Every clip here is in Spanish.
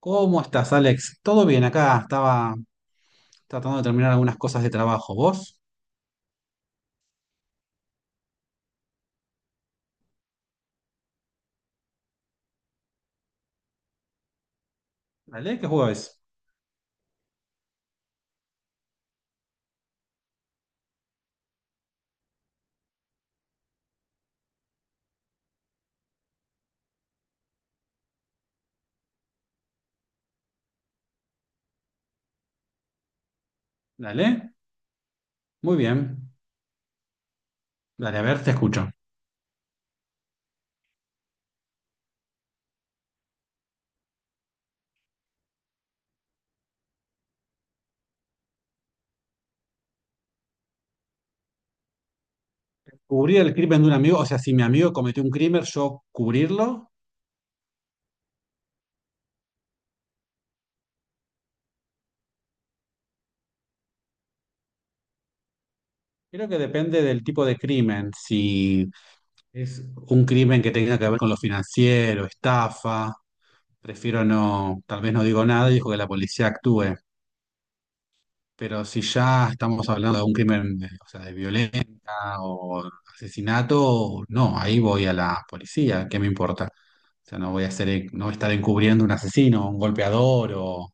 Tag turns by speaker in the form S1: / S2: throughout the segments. S1: ¿Cómo estás, Alex? ¿Todo bien acá? Estaba tratando de terminar algunas cosas de trabajo. ¿Vos? Dale, ¿qué juego es? Dale, muy bien. Dale, a ver, te escucho. Cubrir el crimen de un amigo, o sea, si mi amigo cometió un crimen, yo cubrirlo. Creo que depende del tipo de crimen. Si es un crimen que tenga que ver con lo financiero, estafa, prefiero no, tal vez no digo nada y dejo que la policía actúe. Pero si ya estamos hablando de un crimen, o sea, de violencia o asesinato, no, ahí voy a la policía, ¿qué me importa? O sea, no voy a hacer, no voy a estar encubriendo un asesino, un golpeador o...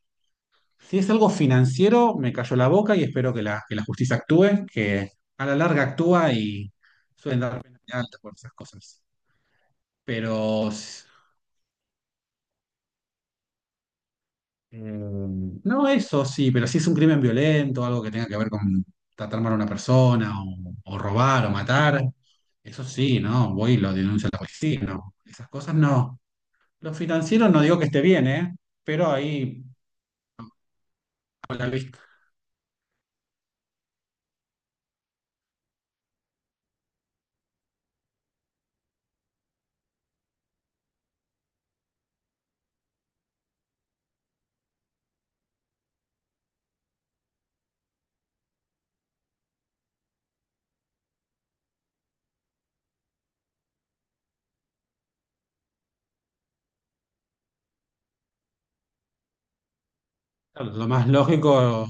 S1: Si es algo financiero, me callo la boca y espero que que la justicia actúe, que a la larga actúa y suelen dar pena alta por esas cosas. Pero s- no, eso sí, pero si es un crimen violento, algo que tenga que ver con tratar mal a una persona, o robar, o matar, eso sí, ¿no? Voy y lo denuncio a la policía, ¿no? Esas cosas no. Lo financiero no digo que esté bien, ¿eh? Pero ahí, a la vista. Claro, lo más lógico,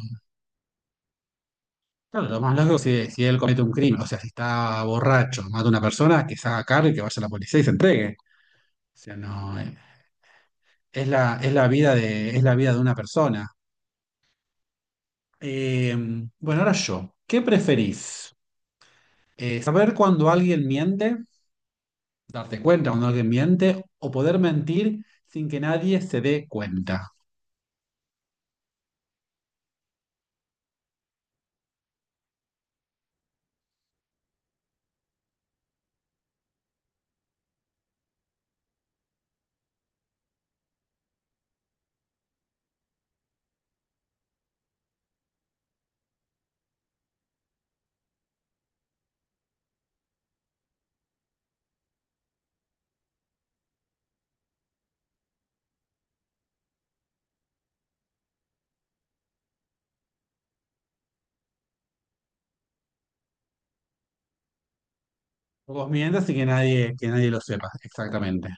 S1: claro, lo más lógico si, si él comete un crimen, o sea, si está borracho, mata a una persona, que se haga cargo y que vaya a la policía y se entregue. O sea, no, es la vida de, es la vida de una persona. Eh, bueno, ahora yo. ¿Qué preferís? ¿Saber cuando alguien miente, darte cuenta cuando alguien miente, o poder mentir sin que nadie se dé cuenta? Vos mientas sin que nadie, que nadie lo sepa, exactamente.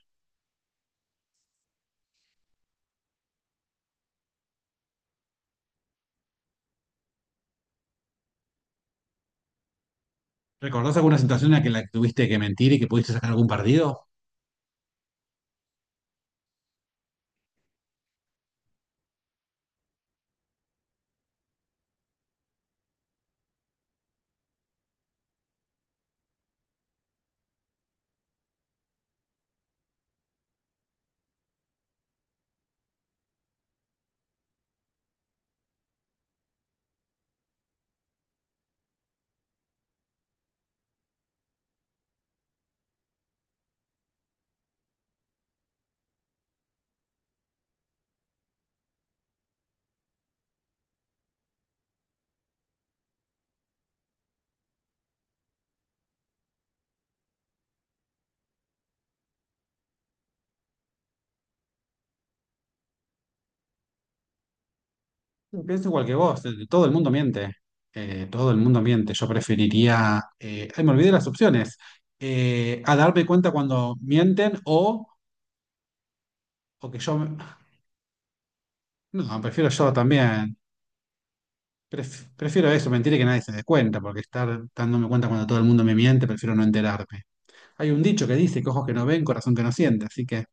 S1: ¿Recordás alguna situación en la que tuviste que mentir y que pudiste sacar algún partido? Pienso igual que vos, todo el mundo miente. Todo el mundo miente. Yo preferiría. Ay, me olvidé las opciones. A darme cuenta cuando mienten o, o que yo. me- no, prefiero yo también. Prefiero eso, mentir y que nadie se dé cuenta, porque estar dándome cuenta cuando todo el mundo me miente, prefiero no enterarme. Hay un dicho que dice que ojos que no ven, corazón que no siente, así que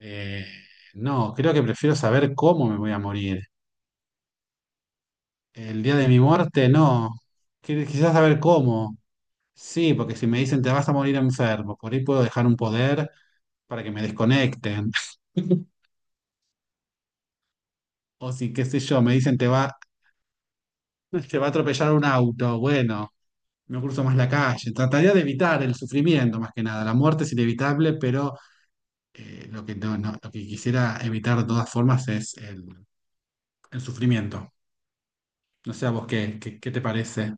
S1: eh, no, creo que prefiero saber cómo me voy a morir. El día de mi muerte, no. Quizás saber cómo. Sí, porque si me dicen te vas a morir enfermo, por ahí puedo dejar un poder para que me desconecten. O si, qué sé yo, me dicen te va, te va a atropellar un auto, bueno, no cruzo más la calle. Trataría de evitar el sufrimiento más que nada. La muerte es inevitable, pero lo que lo que quisiera evitar de todas formas es el sufrimiento. No sé a vos qué, qué, qué te parece.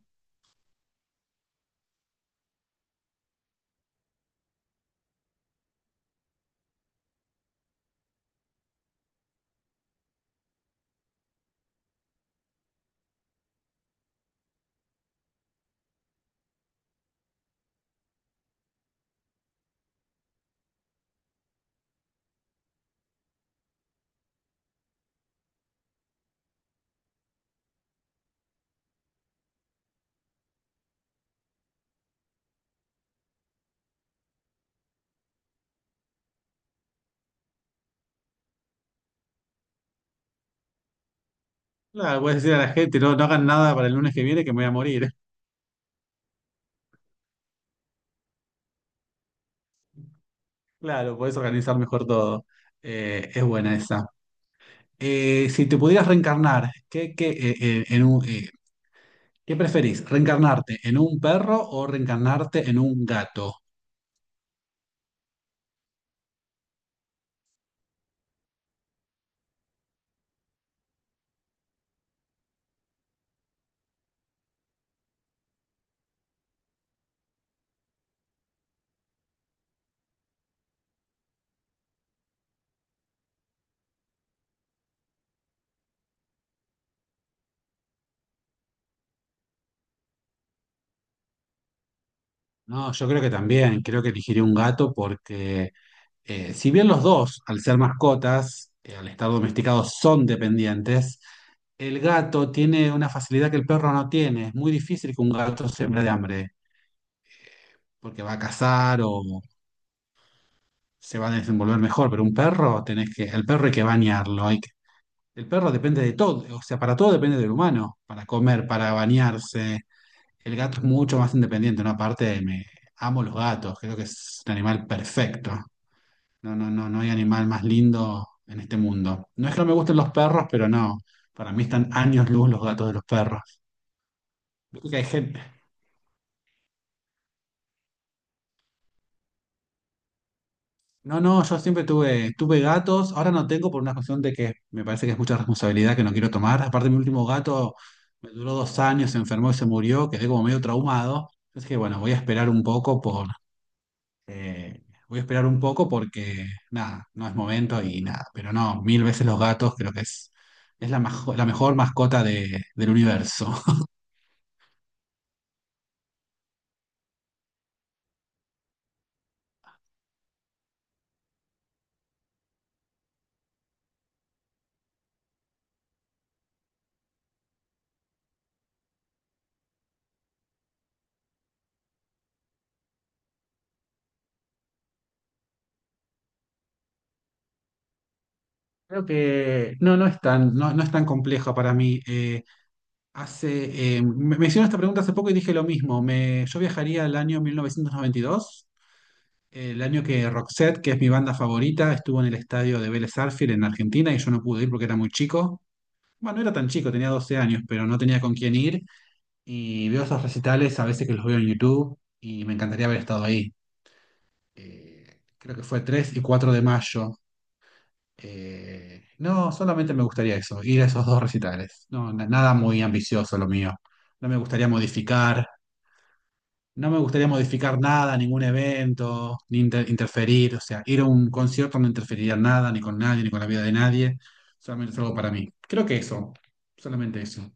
S1: Claro, puedes decir a la gente, no, no hagan nada para el lunes que viene que me voy a morir. Claro, puedes organizar mejor todo. Es buena esa. Si te pudieras reencarnar, ¿qué, qué, en un, ¿qué preferís? ¿Reencarnarte en un perro o reencarnarte en un gato? No, yo creo que también, creo que elegiría un gato porque si bien los dos, al ser mascotas, al estar domesticados, son dependientes, el gato tiene una facilidad que el perro no tiene. Es muy difícil que un gato se muera de hambre. Porque va a cazar o se va a desenvolver mejor, pero un perro tenés que, el perro hay que bañarlo, hay el perro depende de todo, o sea, para todo depende del humano, para comer, para bañarse. El gato es mucho más independiente, ¿no? Aparte, me amo los gatos, creo que es un animal perfecto. No, no, no, no hay animal más lindo en este mundo. No es que no me gusten los perros, pero no. Para mí están años luz los gatos de los perros. Viste que hay gente, no, no, yo siempre tuve, tuve gatos, ahora no tengo por una cuestión de que me parece que es mucha responsabilidad que no quiero tomar. Aparte, mi último gato me duró 2 años, se enfermó y se murió, quedé como medio traumado. Entonces que bueno, voy a esperar un poco por, eh, voy a esperar un poco porque nada, no es momento y nada. Pero no, mil veces los gatos creo que es la, la mejor mascota del universo. Creo que no, no es tan, no, no es tan complejo para mí. Hace, me, me hicieron esta pregunta hace poco y dije lo mismo. Me, yo viajaría al año 1992, el año que Roxette, que es mi banda favorita, estuvo en el estadio de Vélez Sarsfield en Argentina y yo no pude ir porque era muy chico. Bueno, no era tan chico, tenía 12 años, pero no tenía con quién ir. Y veo esos recitales a veces que los veo en YouTube y me encantaría haber estado ahí. Creo que fue 3 y 4 de mayo. No, solamente me gustaría eso, ir a esos dos recitales. No, nada muy ambicioso lo mío. No me gustaría modificar. No me gustaría modificar nada, ningún evento, ni interferir, o sea, ir a un concierto no interferiría en nada, ni con nadie, ni con la vida de nadie, solamente es algo para mí. Creo que eso, solamente eso.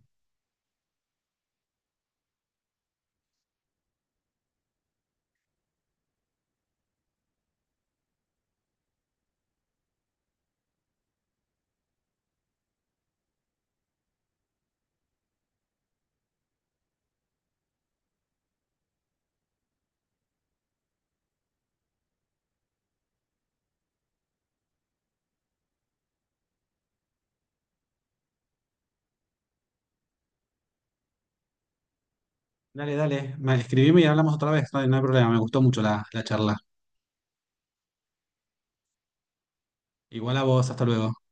S1: Dale, dale, escribime y hablamos otra vez, no, hay no hay problema, me gustó mucho la, la charla. Igual a vos, hasta luego.